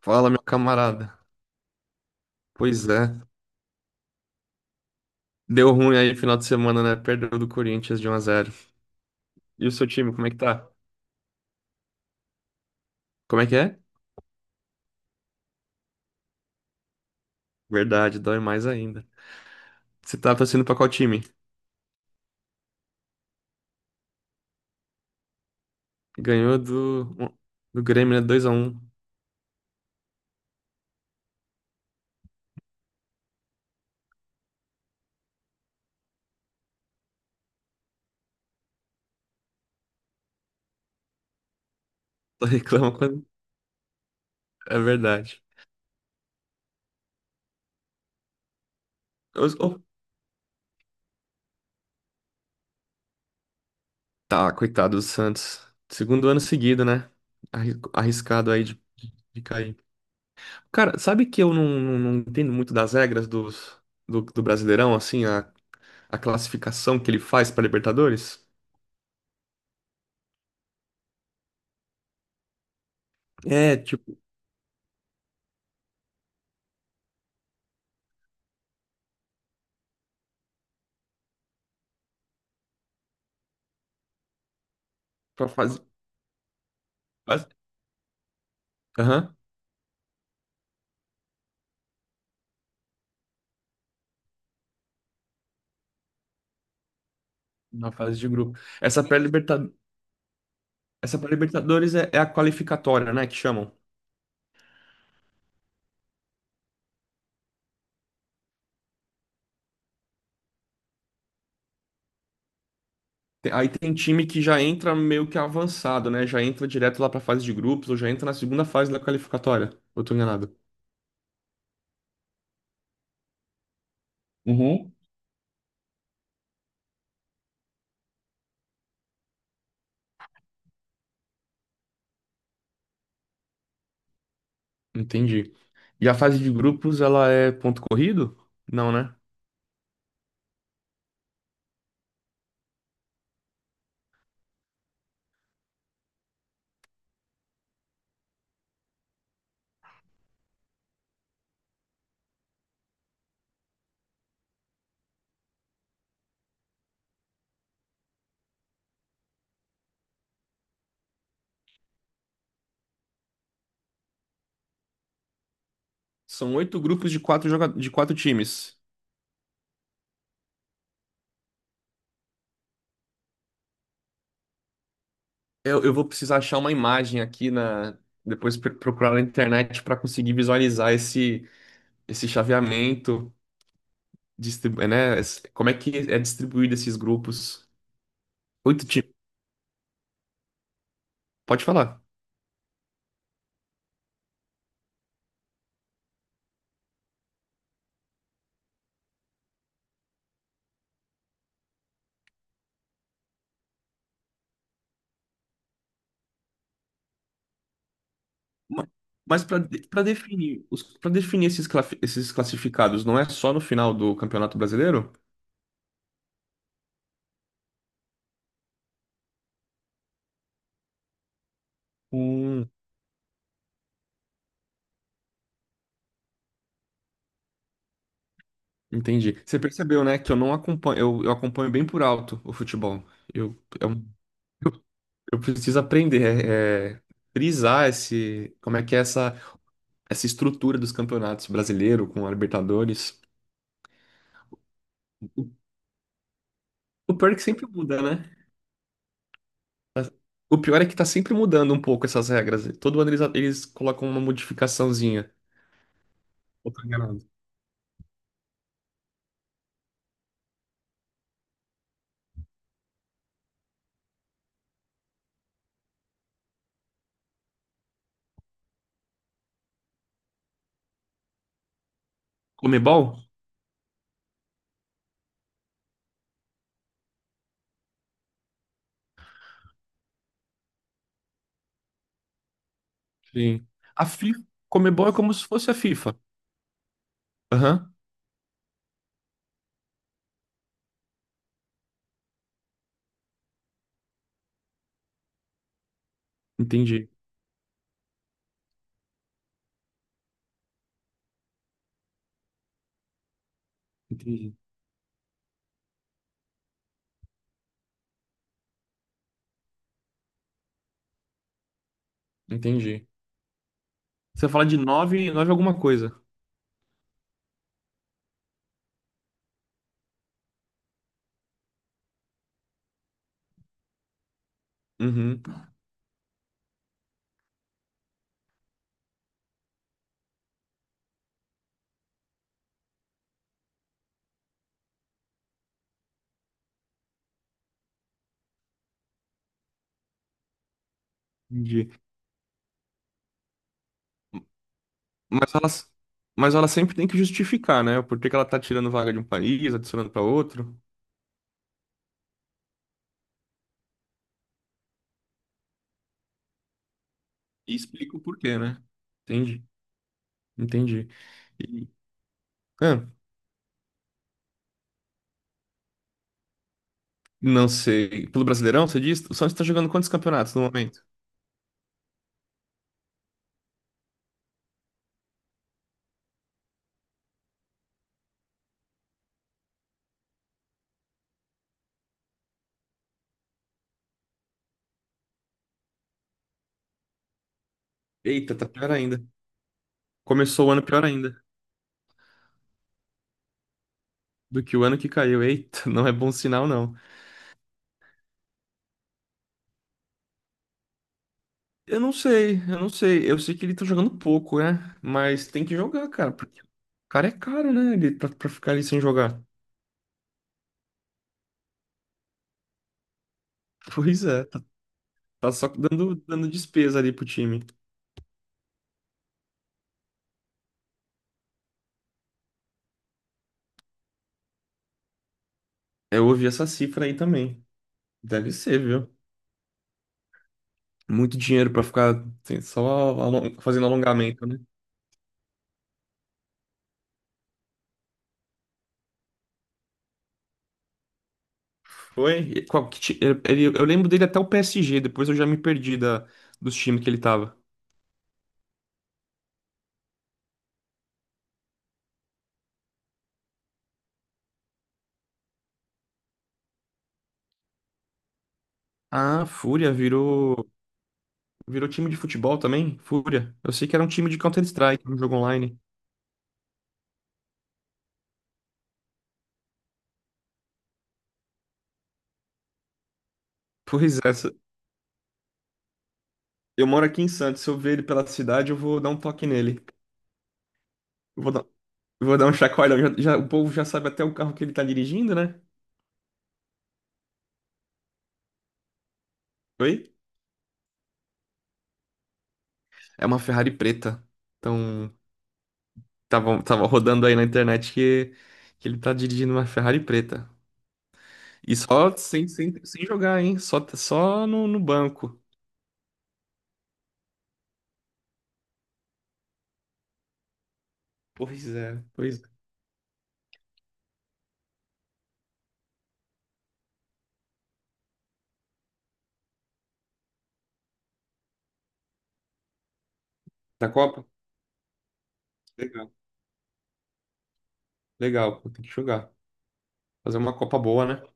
Fala, meu camarada. Pois é. Deu ruim aí no final de semana, né? Perdeu do Corinthians de um a zero. E o seu time, como é que tá? Como é que é? Verdade, dói mais ainda. Você tá torcendo pra qual time? Ganhou do, do Grêmio, né? 2x1. Só reclama quando. É verdade. Oh, Tá, coitado do Santos. Segundo ano seguido, né? Arriscado aí de cair. Cara, sabe que eu não entendo muito das regras dos, do Brasileirão, assim, a classificação que ele faz pra Libertadores? É, tipo, pra fase. fase- Aham, na fase de grupo. Essa pré-Libertadores é, é a qualificatória, né? Que chamam. Aí tem time que já entra meio que avançado, né? Já entra direto lá pra fase de grupos, ou já entra na segunda fase da qualificatória. Ou eu tô enganado? Uhum. Entendi. E a fase de grupos, ela é ponto corrido? Não, né? São oito grupos de quatro, joga... de quatro times. Eu vou precisar achar uma imagem aqui na. Depois procurar na internet pra conseguir visualizar esse. Esse chaveamento, distribu né? Como é que é distribuído esses grupos? Oito times. Pode falar. Ma- Mas para definir os, para definir esses, esses classificados, não é só no final do Campeonato Brasileiro? Hum, entendi. Você percebeu, né, que eu não acompanho, eu acompanho bem por alto o futebol. Eu, eu, eu preciso aprender, frisar esse, como é que é essa, essa estrutura dos campeonatos brasileiro com a Libertadores. O, o pior é que sempre muda, né? O pior é que tá sempre mudando um pouco essas regras. Todo ano eles colocam uma modificaçãozinha. Eu tô enganado. Comebol? Sim. A FIFA, Comebol é como se fosse a FIFA. Aham. Entendi. Entendi. Entendi. Você fala de nove alguma coisa. Uhum. Entendi. Mas ela, mas ela sempre tem que justificar, né? Por que que ela tá tirando vaga de um país, adicionando pra outro. E explica o porquê, né? Entendi. Entendi. E- ah, não sei. Pelo Brasileirão, você diz? O Santos tá jogando quantos campeonatos no momento? Eita, tá pior ainda. Começou o ano pior ainda do que o ano que caiu. Eita, não é bom sinal, não. Eu não sei. Eu sei que ele tá jogando pouco, né? Mas tem que jogar, cara. Porque o cara é caro, né? Ele, pra ficar ali sem jogar. Pois é, tá, tá só dando, dando despesa ali pro time. Eu ouvi essa cifra aí também. Deve ser, viu? Muito dinheiro pra ficar assim, fazendo alongamento, né? Foi? E qual, ele, eu lembro dele até o PSG, depois eu já me perdi da, dos times que ele tava. Ah, Fúria virou virou time de futebol também? Fúria. Eu sei que era um time de Counter-Strike, um jogo online. Pois é, eu moro aqui em Santos. Se eu ver ele pela cidade, eu vou dar um toque nele. Eu vou dar, eu vou dar um chacoalhão. O povo já sabe até o carro que ele tá dirigindo, né? Oi? É uma Ferrari preta. Então, tava, tava rodando aí na internet que ele tá dirigindo uma Ferrari preta. E só sem jogar, hein? Só, só no, no banco. Pois é, pois é. Da Copa? Legal. Legal, pô, tem que jogar. Fazer uma Copa boa, né?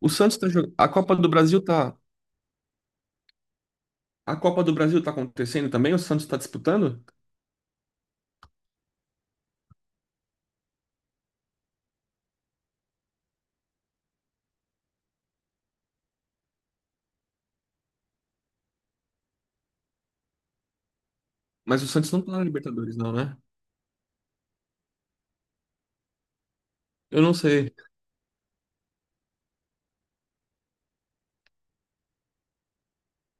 O Santos tá jogando. A Copa do Brasil tá. A Copa do Brasil tá acontecendo também? O Santos tá disputando? Mas o Santos não tá na Libertadores, não, né? Eu não sei.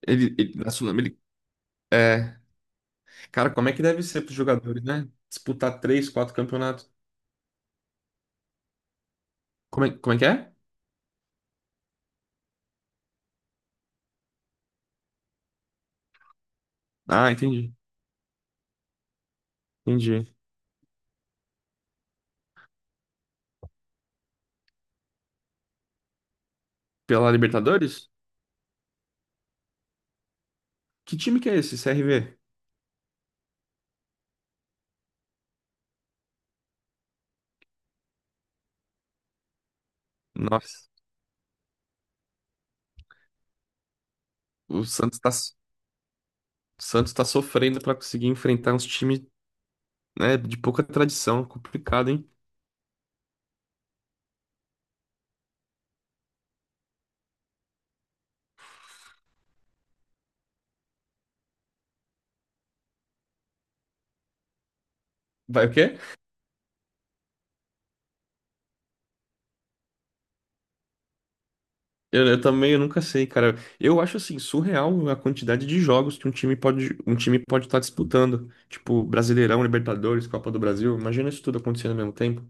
Ele na Sul-Americana. É. Cara, como é que deve ser pros jogadores, né? Disputar três, quatro campeonatos. Como é que é? Ah, entendi. Entendi. Pela Libertadores? Que time que é esse? CRV? Nossa. O Santos tá sofrendo pra conseguir enfrentar uns times, né, de pouca tradição. Complicado, hein? Vai o quê? Eu também, eu nunca sei, cara. Eu acho assim surreal a quantidade de jogos que um time pode estar disputando, tipo Brasileirão, Libertadores, Copa do Brasil. Imagina isso tudo acontecendo ao mesmo tempo.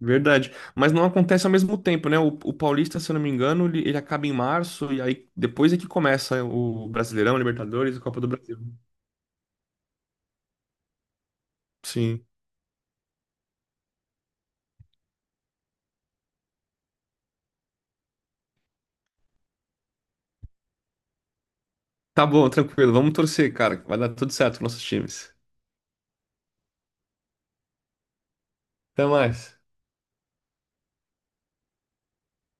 Verdade. Mas não acontece ao mesmo tempo, né? O Paulista, se eu não me engano, ele acaba em março e aí depois é que começa o Brasileirão, Libertadores e Copa do Brasil. Sim. Tá bom, tranquilo. Vamos torcer, cara. Vai dar tudo certo com nossos times. Até mais.